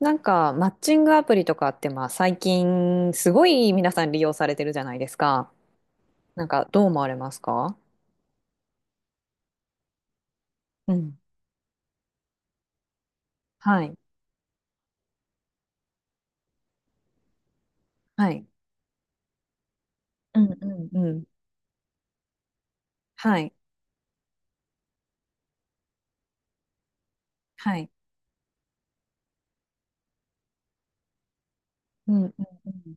なんか、マッチングアプリとかって、まあ、最近、すごい皆さん利用されてるじゃないですか。なんか、どう思われますか？うん。はい。はい。うんうんうん。はい。はい。うんうんうん。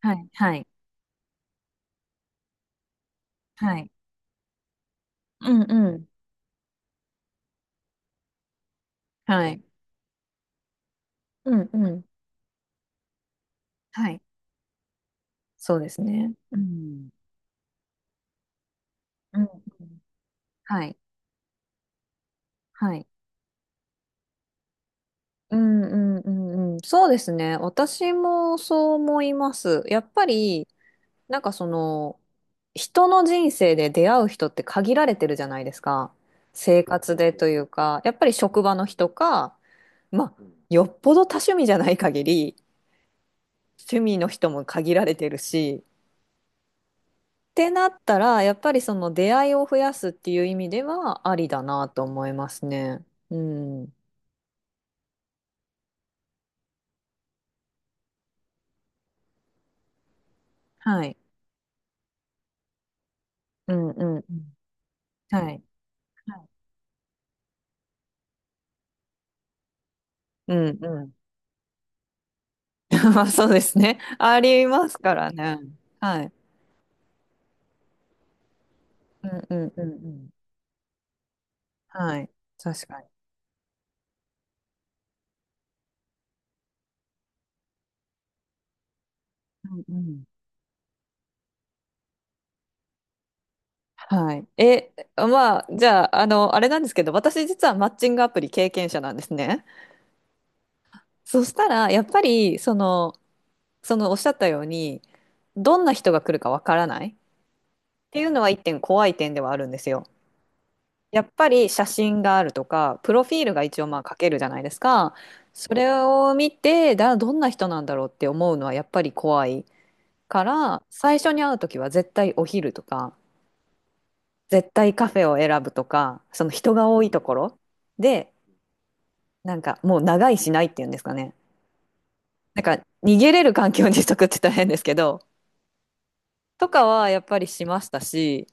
はい。はい。はい。うんうん。はい。うんうん。はい。そうですね。うん。うんうん。はい。はい。うんうんうんうん。そうですね。私もそう思います。やっぱり、なんかその、人の人生で出会う人って限られてるじゃないですか。生活でというか、やっぱり職場の人か、まあ、よっぽど多趣味じゃない限り、趣味の人も限られてるし、ってなったら、やっぱりその出会いを増やすっていう意味ではありだなと思いますね。うん。はい。うんうんうん。はい。はいうんうん。まあそうですね。ありますからね。はい。うんうんうんうん。はい。確かに。うんうん。はい。え、まあ、じゃあ、あれなんですけど、私実はマッチングアプリ経験者なんですね。そしたら、やっぱり、そのおっしゃったように、どんな人が来るかわからないっていうのは一点怖い点ではあるんですよ。やっぱり写真があるとか、プロフィールが一応まあ書けるじゃないですか。それを見て、どんな人なんだろうって思うのはやっぱり怖いから、最初に会うときは絶対お昼とか、絶対カフェを選ぶとか、その人が多いところで、なんかもう長いしないっていうんですかね。なんか逃げれる環境にしとくって大変ですけど、とかはやっぱりしましたし、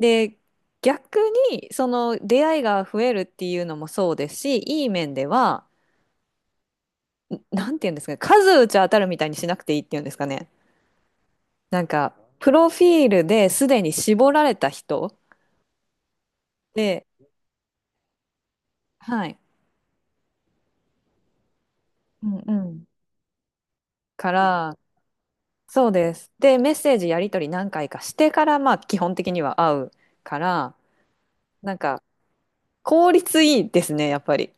で、逆にその出会いが増えるっていうのもそうですし、いい面では、なんて言うんですかね、数打ち当たるみたいにしなくていいっていうんですかね。なんか、プロフィールですでに絞られた人で、はい。うんうん。から、そうです。で、メッセージやり取り何回かしてから、まあ、基本的には会うから、なんか、効率いいですね、やっぱり。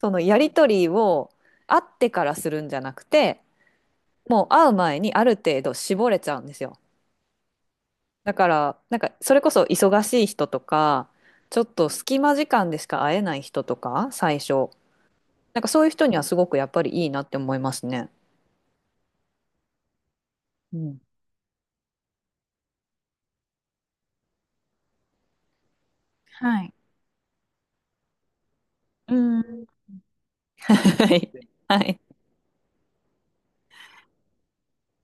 そのやり取りを会ってからするんじゃなくて、もう会う前にある程度絞れちゃうんですよ。だから、なんか、それこそ忙しい人とか、ちょっと隙間時間でしか会えない人とか、最初。なんかそういう人にはすごくやっぱりいいなって思いますね。うん。はい。うん。はい。はい。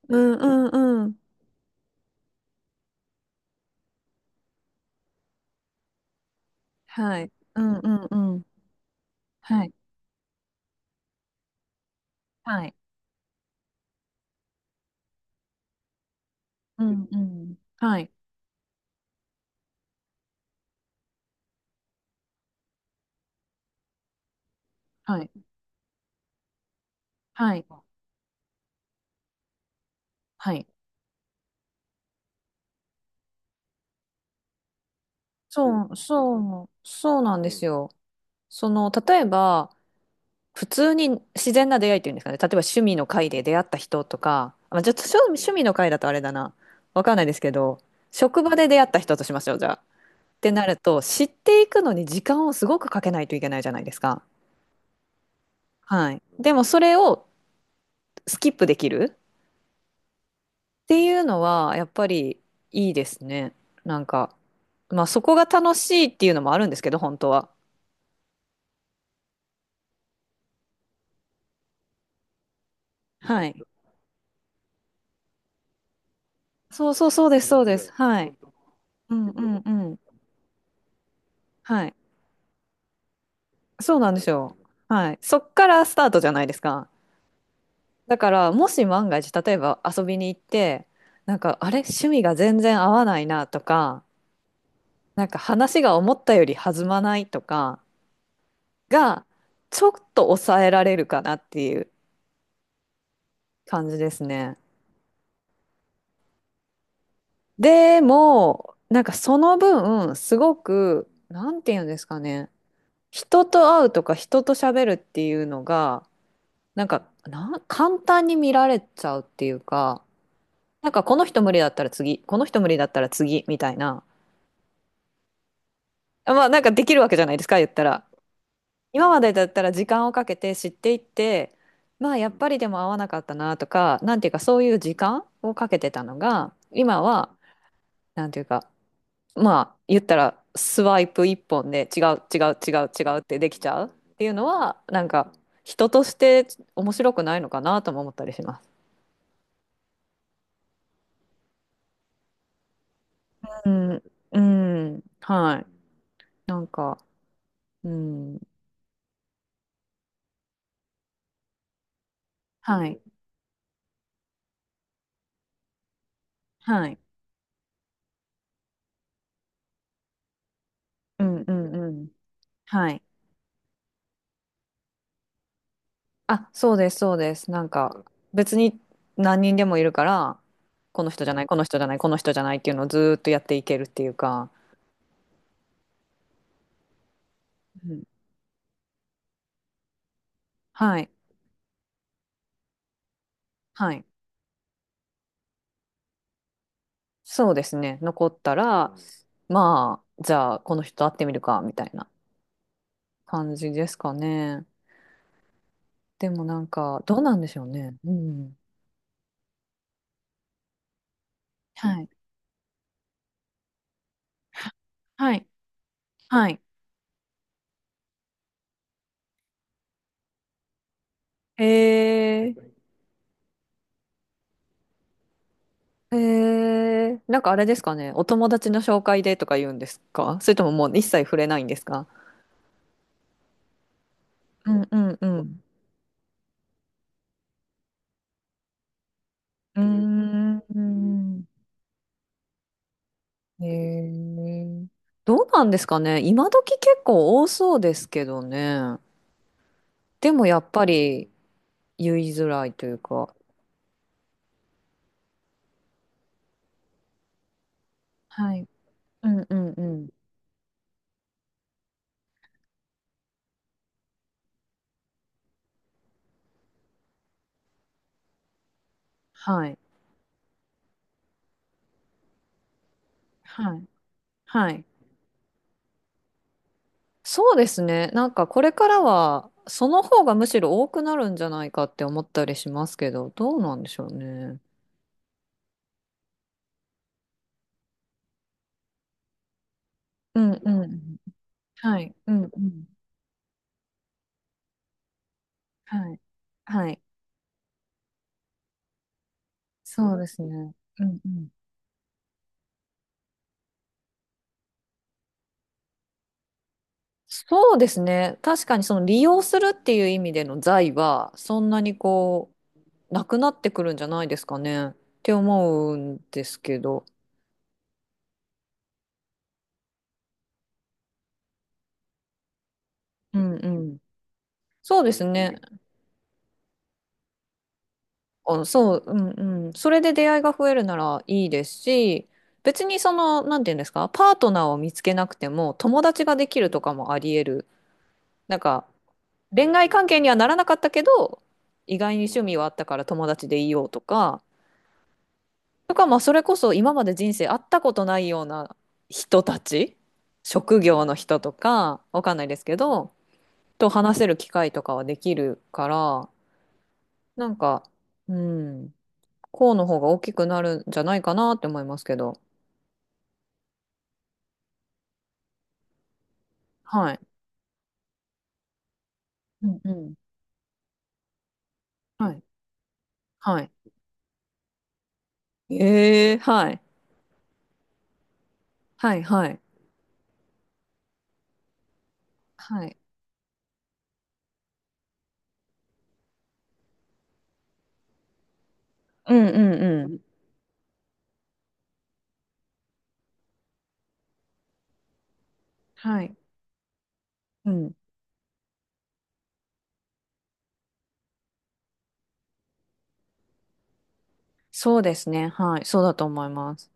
うんうんうん。はい。うんうんうん。はい。はい。うんうん。はい。はい。はい。はい。そう、そう、そうなんですよ。その、例えば、普通に自然な出会いっていうんですかね。例えば趣味の会で出会った人とか、まあ、ちょっと趣味の会だとあれだな。わかんないですけど、職場で出会った人としましょう、じゃあ。ってなると、知っていくのに時間をすごくかけないといけないじゃないですか。はい。でもそれをスキップできる、っていうのはやっぱりいいですね。なんか、まあそこが楽しいっていうのもあるんですけど、本当は。はい。そうそうそうです、そうです。はい。うんうんうん。はい。そうなんですよ。はい。そっからスタートじゃないですか。だからもし万が一、例えば遊びに行って、なんかあれ、趣味が全然合わないなとか、なんか話が思ったより弾まないとかが、ちょっと抑えられるかなっていう感じですね。でも、なんかその分、すごく、なんていうんですかね、人と会うとか人と喋るっていうのが、なんか、簡単に見られちゃうっていうか、なんかこの人無理だったら次、この人無理だったら次、みたいな。まあなんかできるわけじゃないですか、言ったら。今までだったら時間をかけて知っていって、まあやっぱりでも合わなかったなとか、なんていうかそういう時間をかけてたのが、今は、なんていうか、まあ言ったらスワイプ一本で違う違う違う違うってできちゃうっていうのはなんか人として面白くないのかなとも思ったりします。うん、うん、はい。なんか、うん、はい、はい、うん、うん、うん、はい。あ、そうです、そうです。なんか別に何人でもいるから、この人じゃない、この人じゃない、この人じゃないっていうのをずーっとやっていけるっていうか、うん、はい、はい。そうですね。残ったうら、ん。まあ、じゃあ、この人と会ってみるか、みたいな感じですかね。でもなんか、どうなんでしょうね。うん。はい。はい。はい。えなんかあれですかね。お友達の紹介でとか言うんですか？それとももう一切触れないんですか？うんうんうん。うーん。えー、どうなんですかね。今時結構多そうですけどね。でもやっぱり、言いづらいというか。はい。うんうんうん。はい。はい。はい。そうですね。なんかこれからはその方がむしろ多くなるんじゃないかって思ったりしますけど、どうなんでしょうね。うんうんうん。はい。うんうん。はい。はい。そうですね。うんうん。そうですね。確かにその利用するっていう意味での財はそんなにこうなくなってくるんじゃないですかねって思うんですけど。うんうん。そうですね。あ、そう、うんうん。それで出会いが増えるならいいですし、別になんていうんですか、パートナーを見つけなくても友達ができるとかもあり得る。なんか、恋愛関係にはならなかったけど、意外に趣味はあったから友達でいようとか、とか、まあ、それこそ今まで人生会ったことないような人たち、職業の人とか、わかんないですけど、と話せる機会とかはできるから、なんか、うん。こうの方が大きくなるんじゃないかなって思いますけど。はい。うんうん。はい。はい。ええはい。はい、はい。はい。うん、うん、うん。はい。うん。そうですね。はい。そうだと思います。